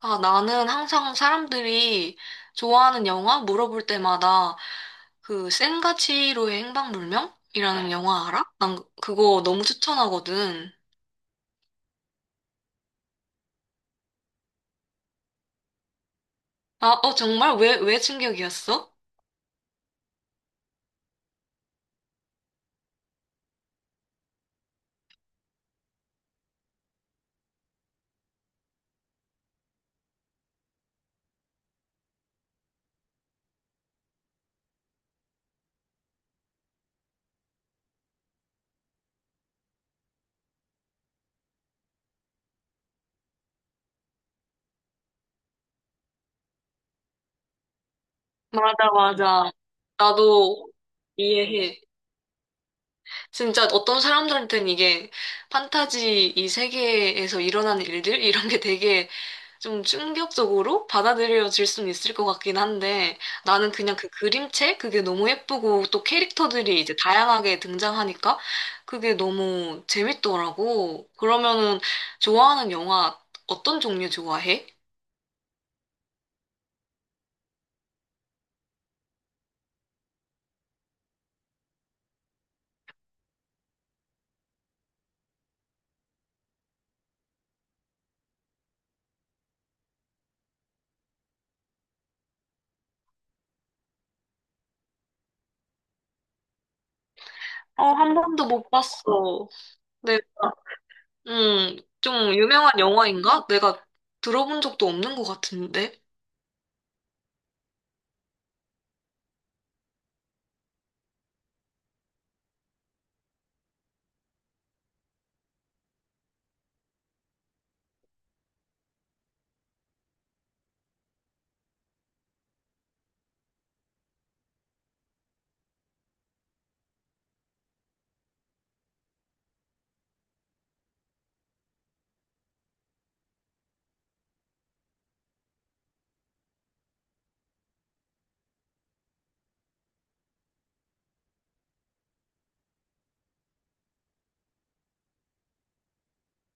아, 나는 항상 사람들이 좋아하는 영화 물어볼 때마다 그 센가치로의 행방불명이라는 영화 알아? 난 그거 너무 추천하거든. 아, 정말? 왜 충격이었어? 맞아, 맞아. 나도 이해해. 진짜 어떤 사람들한테는 이게 판타지 이 세계에서 일어나는 일들? 이런 게 되게 좀 충격적으로 받아들여질 수는 있을 것 같긴 한데 나는 그냥 그 그림체 그게 너무 예쁘고 또 캐릭터들이 이제 다양하게 등장하니까 그게 너무 재밌더라고. 그러면은 좋아하는 영화 어떤 종류 좋아해? 어, 한 번도 못 봤어. 내가 좀 유명한 영화인가? 내가 들어본 적도 없는 것 같은데.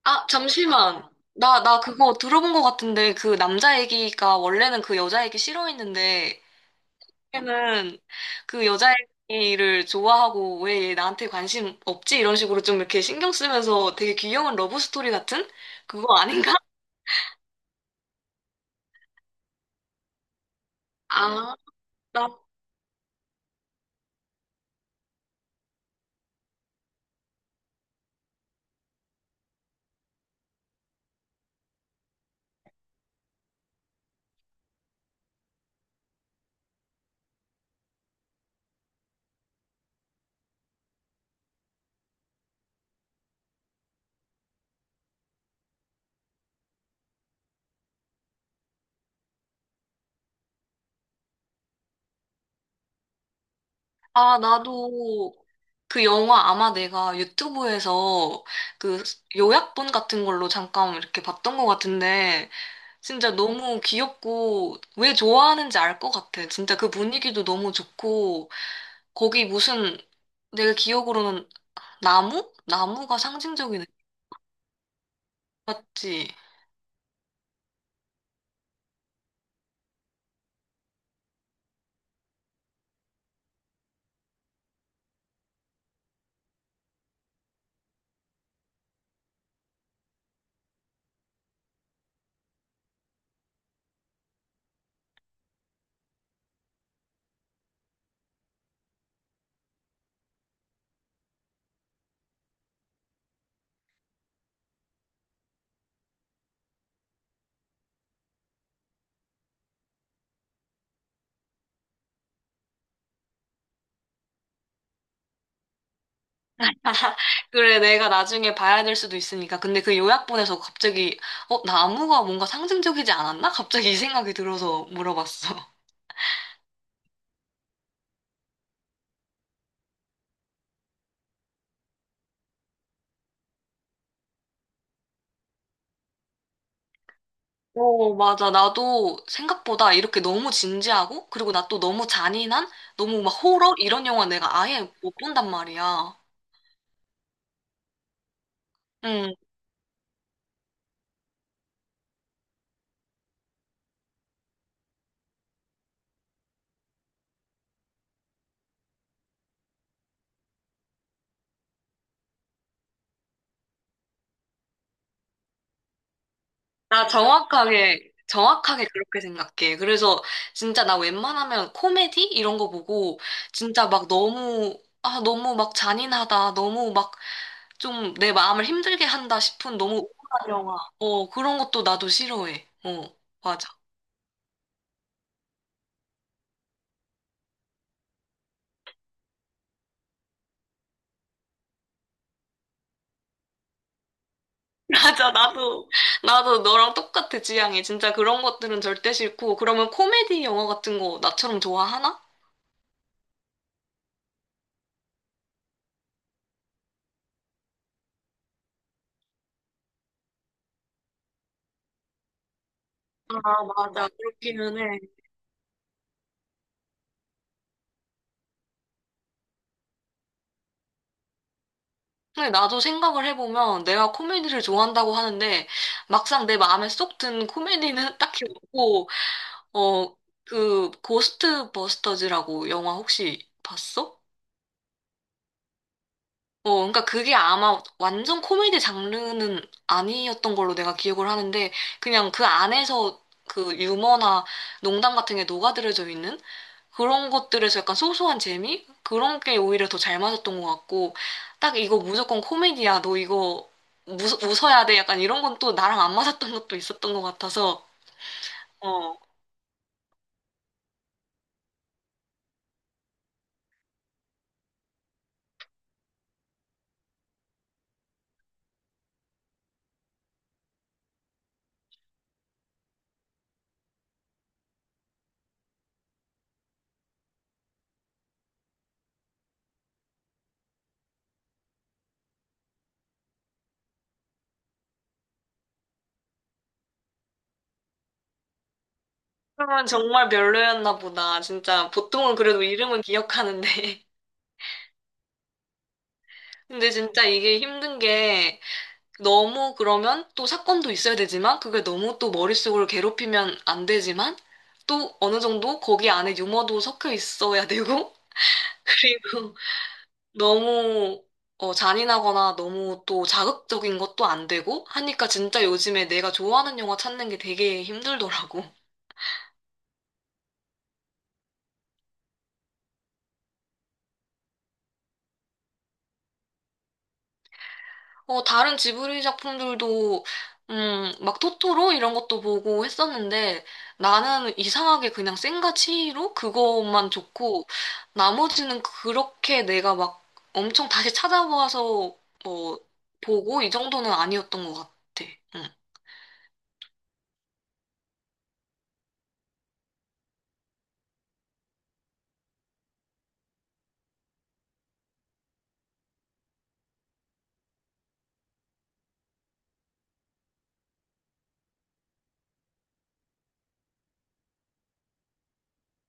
아, 잠시만. 나 그거 들어본 것 같은데, 그 남자 애기가 원래는 그 여자 애기 싫어했는데, 처음에는 그 여자애를 좋아하고 왜 얘 나한테 관심 없지? 이런 식으로 좀 이렇게 신경 쓰면서 되게 귀여운 러브 스토리 같은 그거 아닌가? 아, 나, 아, 나도 그 영화 아마 내가 유튜브에서 그 요약본 같은 걸로 잠깐 이렇게 봤던 것 같은데 진짜 너무 귀엽고 왜 좋아하는지 알 것 같아. 진짜 그 분위기도 너무 좋고 거기 무슨 내가 기억으로는 나무? 나무가 상징적인 맞지? 그래, 내가 나중에 봐야 될 수도 있으니까. 근데 그 요약본에서 갑자기, 어, 나무가 뭔가 상징적이지 않았나? 갑자기 이 생각이 들어서 물어봤어. 어, 맞아. 나도 생각보다 이렇게 너무 진지하고, 그리고 나 또 너무 잔인한, 너무 막 호러? 이런 영화 내가 아예 못 본단 말이야. 응. 나 정확하게 그렇게 생각해. 그래서 진짜 나 웬만하면 코미디? 이런 거 보고 진짜 막 너무, 아, 너무 막 잔인하다. 너무 막 좀 내 마음을 힘들게 한다 싶은 너무 우울한 영화. 어, 그런 것도 나도 싫어해. 어, 맞아. 맞아, 나도 너랑 똑같아, 지향이. 진짜 그런 것들은 절대 싫고. 그러면 코미디 영화 같은 거 나처럼 좋아하나? 아, 맞아. 그렇기는 해. 근데 나도 생각을 해보면 내가 코미디를 좋아한다고 하는데 막상 내 마음에 쏙 든 코미디는 딱히 없고, 어, 그, 고스트 버스터즈라고 영화 혹시 봤어? 어, 그러니까 그게 아마 완전 코미디 장르는 아니었던 걸로 내가 기억을 하는데 그냥 그 안에서 그 유머나 농담 같은 게 녹아들어져 있는 그런 것들에서 약간 소소한 재미? 그런 게 오히려 더 잘 맞았던 것 같고 딱 이거 무조건 코미디야. 너 이거 웃어야 돼. 약간 이런 건 또 나랑 안 맞았던 것도 있었던 것 같아서 어. 그러면 정말 별로였나 보다. 진짜 보통은 그래도 이름은 기억하는데 근데 진짜 이게 힘든 게 너무 그러면 또 사건도 있어야 되지만 그게 너무 또 머릿속을 괴롭히면 안 되지만 또 어느 정도 거기 안에 유머도 섞여 있어야 되고 그리고 너무 어, 잔인하거나 너무 또 자극적인 것도 안 되고 하니까 진짜 요즘에 내가 좋아하는 영화 찾는 게 되게 힘들더라고. 어, 다른 지브리 작품들도, 막 토토로 이런 것도 보고 했었는데, 나는 이상하게 그냥 센과 치히로 그것만 좋고, 나머지는 그렇게 내가 막 엄청 다시 찾아봐서, 뭐, 보고 이 정도는 아니었던 것 같아. 응.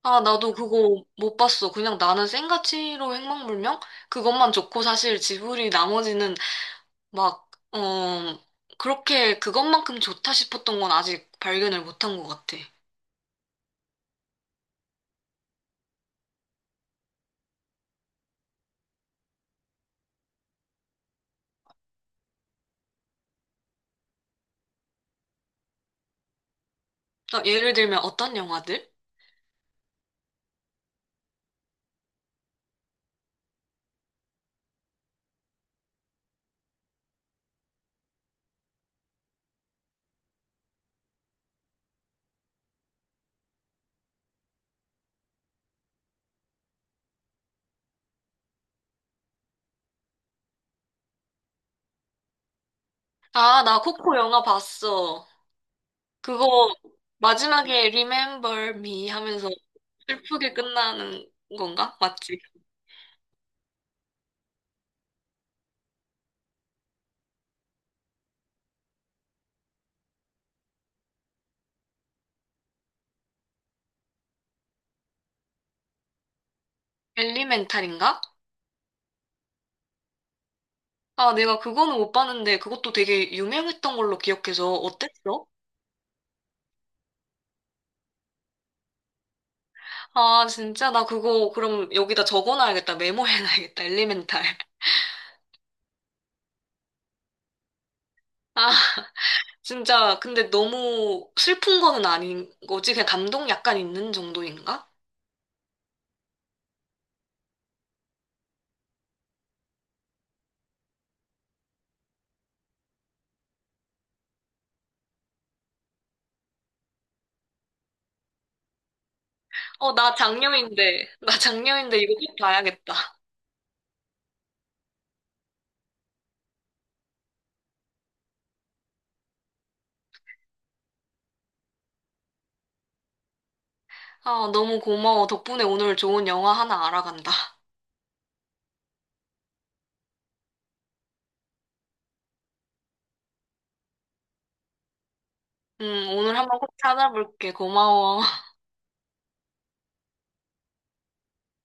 아, 나도 그거 못 봤어. 그냥 나는 센과 치히로 행방불명? 그것만 좋고, 사실 지브리 나머지는 막, 어, 그렇게 그것만큼 좋다 싶었던 건 아직 발견을 못한 것 같아. 나 예를 들면 어떤 영화들? 아, 나 코코 영화 봤어. 그거 마지막에 Remember Me 하면서 슬프게 끝나는 건가? 맞지? 엘리멘탈인가? 아, 내가 그거는 못 봤는데 그것도 되게 유명했던 걸로 기억해서 어땠어? 아, 진짜 나 그거 그럼 여기다 적어놔야겠다. 메모해놔야겠다. 엘리멘탈. 아, 진짜 근데 너무 슬픈 거는 아닌 거지? 그냥 감동 약간 있는 정도인가? 어, 나 장녀인데. 나 장녀인데 이거 꼭 봐야겠다. 아, 너무 고마워. 덕분에 오늘 좋은 영화 하나 알아간다. 오늘 한번 꼭 찾아볼게. 고마워.